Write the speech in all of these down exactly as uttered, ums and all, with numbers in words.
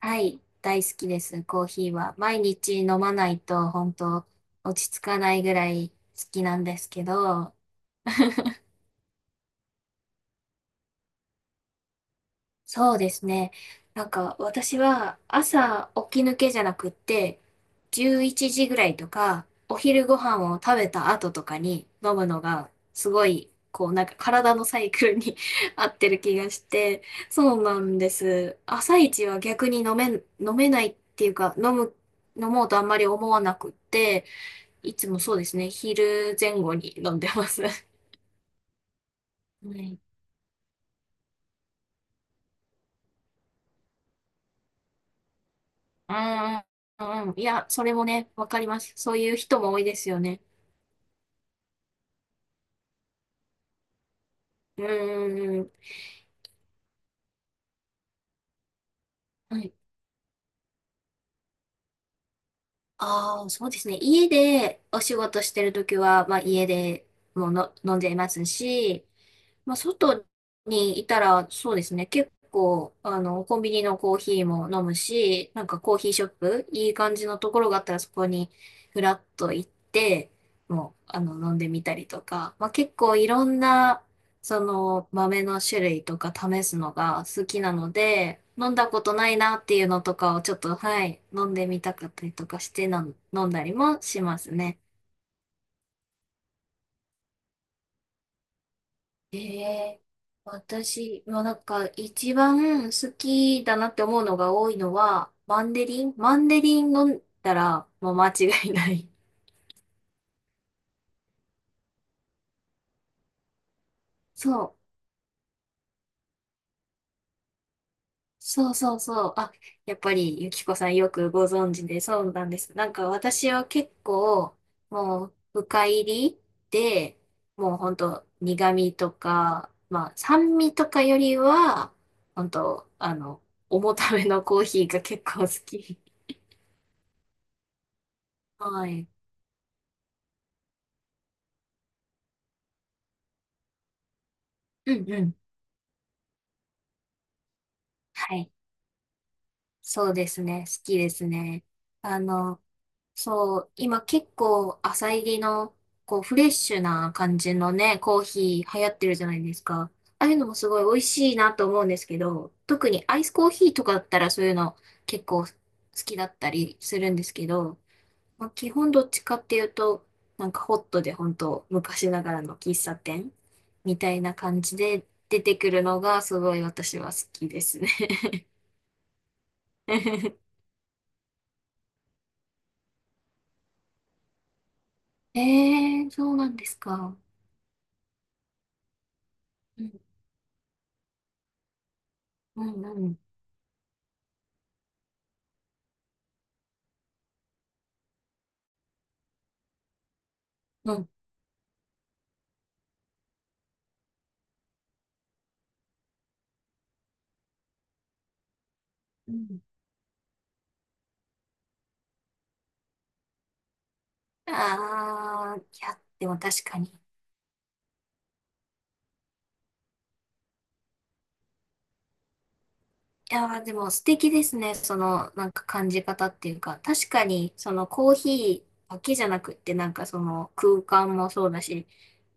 はい、大好きです、コーヒーは。毎日飲まないと、本当落ち着かないぐらい好きなんですけど、そうですね。なんか、私は朝起き抜けじゃなくって、じゅういちじぐらいとか、お昼ご飯を食べた後とかに飲むのが、すごい、こう、なんか体のサイクルに 合ってる気がして、そうなんです。朝一は逆に飲めん、飲めないっていうか、飲む、飲もうとあんまり思わなくって、いつもそうですね。昼前後に飲んでます。はい。ああ、うん。いや、それもね、わかります。そういう人も多いですよね。うんうんうん。はい。ああ、そうですね。家でお仕事してるときは、まあ家でもうの飲んじゃいますし、まあ外にいたら、そうですね。結構、あの、コンビニのコーヒーも飲むし、なんかコーヒーショップ、いい感じのところがあったらそこにふらっと行って、もう、あの、飲んでみたりとか、まあ結構いろんなその豆の種類とか試すのが好きなので、飲んだことないなっていうのとかをちょっと、はい、飲んでみたかったりとかしてな、飲んだりもしますね。ええ、私はなんか一番好きだなって思うのが多いのは、マンデリンマンデリン飲んだらもう間違いない。そう。そうそうそう。あ、やっぱりゆきこさんよくご存知で、そうなんです。なんか私は結構、もう、深入りで、もうほんと苦味とか、まあ酸味とかよりは、ほんと、あの、重ためのコーヒーが結構好き。はい。うんうん。はい。そうですね。好きですね。あの、そう、今結構浅入りの、こう、フレッシュな感じのね、コーヒー流行ってるじゃないですか。ああいうのもすごい美味しいなと思うんですけど、特にアイスコーヒーとかだったらそういうの結構好きだったりするんですけど、まあ、基本どっちかっていうと、なんかホットで本当昔ながらの喫茶店みたいな感じで出てくるのがすごい私は好きですね。 えー、そうなんですか。うん、うん、うん。うんうん。ああ、いや、でも確かに。いやー、でも素敵ですね。その、なんか感じ方っていうか、確かに、そのコーヒーだけじゃなくって、なんかその空間もそうだし、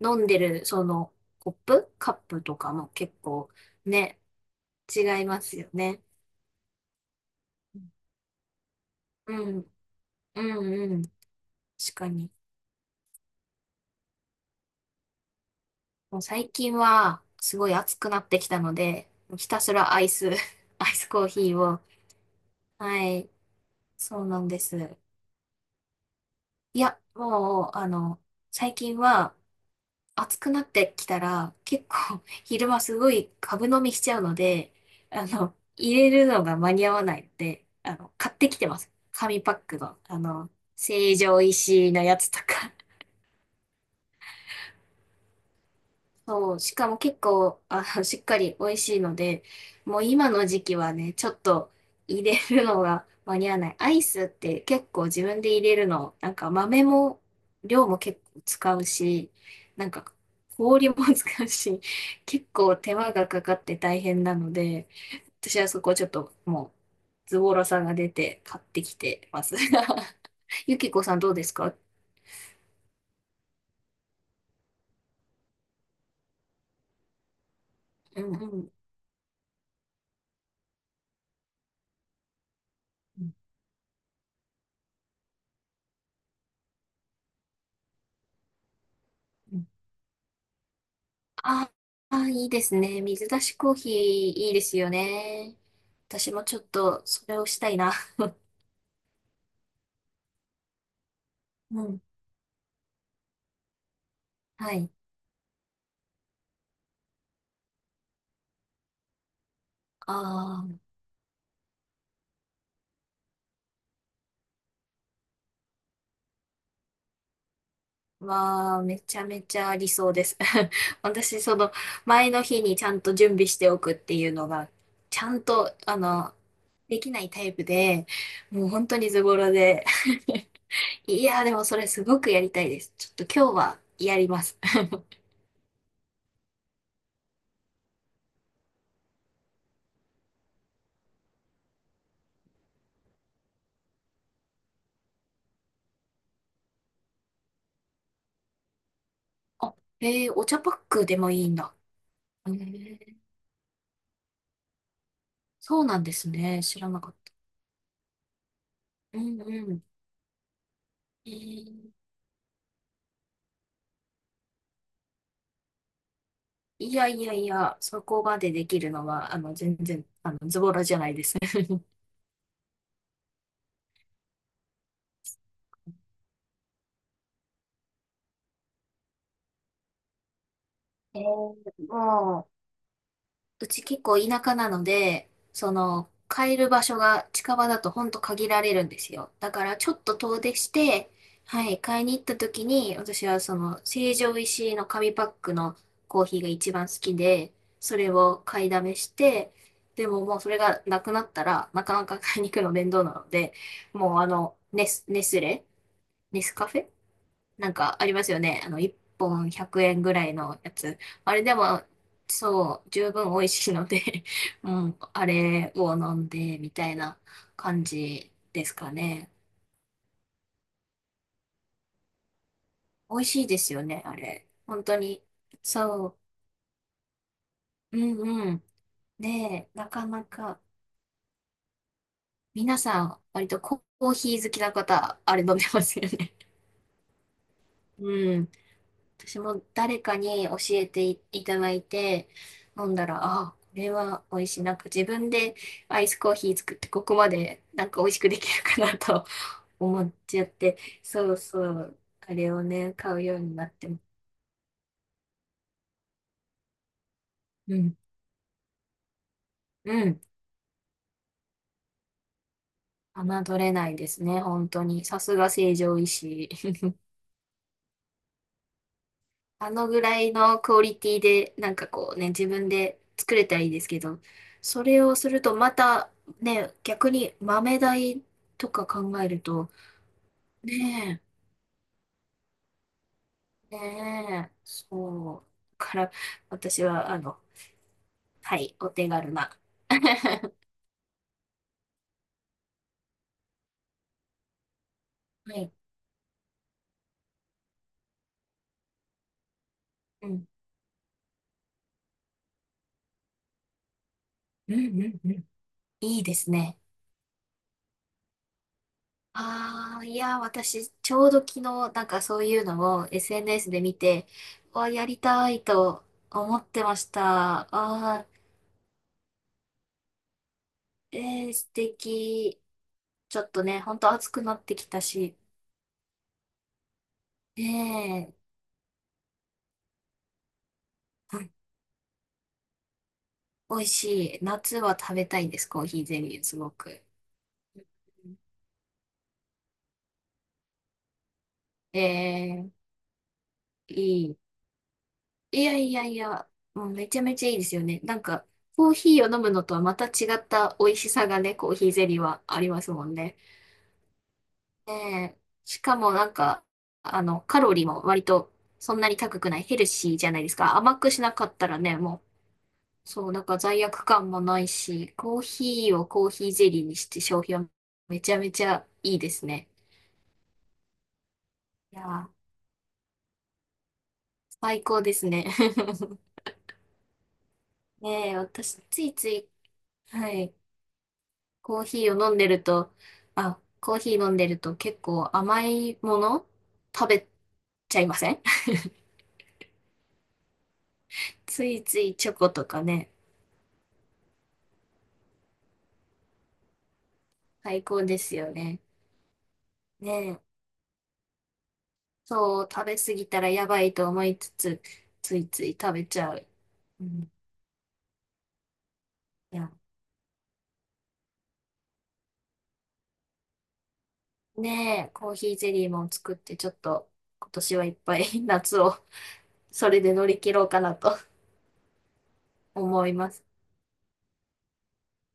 飲んでるそのコップ、カップとかも結構ね、違いますよね。うん、うんうん、確かに。もう最近はすごい暑くなってきたので、ひたすらアイス、アイスコーヒーを、はい、そうなんです。いや、もう、あの、最近は暑くなってきたら、結構 昼間すごい株飲みしちゃうので、あの、入れるのが間に合わないので、あの、買ってきてます。紙パックの、あの、成城石井のやつとか。そう、しかも結構、あの、しっかり美味しいので、もう今の時期はね、ちょっと入れるのが間に合わない。アイスって結構自分で入れるの、なんか豆も、量も結構使うし、なんか氷も 使うし、結構手間がかかって大変なので、私はそこちょっともう、ズボラさが出て買ってきてます。ゆきこさんどうですか？うんうん。うん。ああ、いいですね。水出しコーヒーいいですよね。私もちょっとそれをしたいな。うん。はい。ああ、わあ、めちゃめちゃ理想です。私、その、前の日にちゃんと準備しておくっていうのが、ちゃんと、あの、できないタイプで、もう本当にズボラで。いやー、でもそれすごくやりたいです。ちょっと今日はやります。あ、えー、お茶パックでもいいんだ。へー、そうなんですね。知らなかった。うんうん。えー、いやいやいや、そこまでできるのは、あの、全然、あの、ズボラじゃないですね。えーもうち結構田舎なので、その、買える場所が近場だとほんと限られるんですよ。だからちょっと遠出して、はい、買いに行った時に、私はその、成城石井の紙パックのコーヒーが一番好きで、それを買いだめして、でももうそれがなくなったら、なかなか買いに行くの面倒なので、もうあの、ネス、ネスレ、ネスカフェなんかありますよね。あの、いっぽんひゃくえんぐらいのやつ。あれでも、そう、十分美味しいので うん、あれを飲んで、みたいな感じですかね。美味しいですよね、あれ。本当に。そう。うんうん。で、なかなか、皆さん、割とコーヒー好きな方、あれ飲んでますよね。うん。私も誰かに教えていただいて飲んだら、あ、これは美味しい。なんか自分でアイスコーヒー作ってここまでなんか美味しくできるかなと 思っちゃって、そうそう、あれをね、買うようになっても、うん、うん、侮れないですね、本当に。さすが成城石井。あのぐらいのクオリティで、なんかこうね、自分で作れたらいいですけど、それをするとまたね、逆に豆代とか考えると、ねえ、ねえ、そう。だから、私は、あの、はい、お手軽な。はい。うん。うんうんうん。いいですね。ああ、いや、私、ちょうど昨日、なんかそういうのを エスエヌエス で見て、わ、やりたいと思ってました。ああ、えー、素敵。ちょっとね、ほんと暑くなってきたし、ねえ、うん、美味しい。夏は食べたいんです、コーヒーゼリー、すごく。え、いい。いやいやいや、もうめちゃめちゃいいですよね。なんか、コーヒーを飲むのとはまた違った美味しさがね、コーヒーゼリーはありますもんね。ねえ、しかもなんか、あの、カロリーも割とそんなに高くない、ヘルシーじゃないですか。甘くしなかったらね、もう、そう、なんか罪悪感もないし、コーヒーをコーヒーゼリーにして消費はめちゃめちゃいいですね。いやー、最高ですね。ねえ、私、ついつい、はい。コーヒーを飲んでると、あ、コーヒー飲んでると結構甘いもの食べちゃいません？ ついついチョコとかね、最高ですよね。ねえ、そう、食べ過ぎたらやばいと思いつつ、ついつい食べちゃう。うん、いや、ねえ、コーヒーゼリーも作ってちょっと今年はいっぱい 夏をそれで乗り切ろうかなと思います。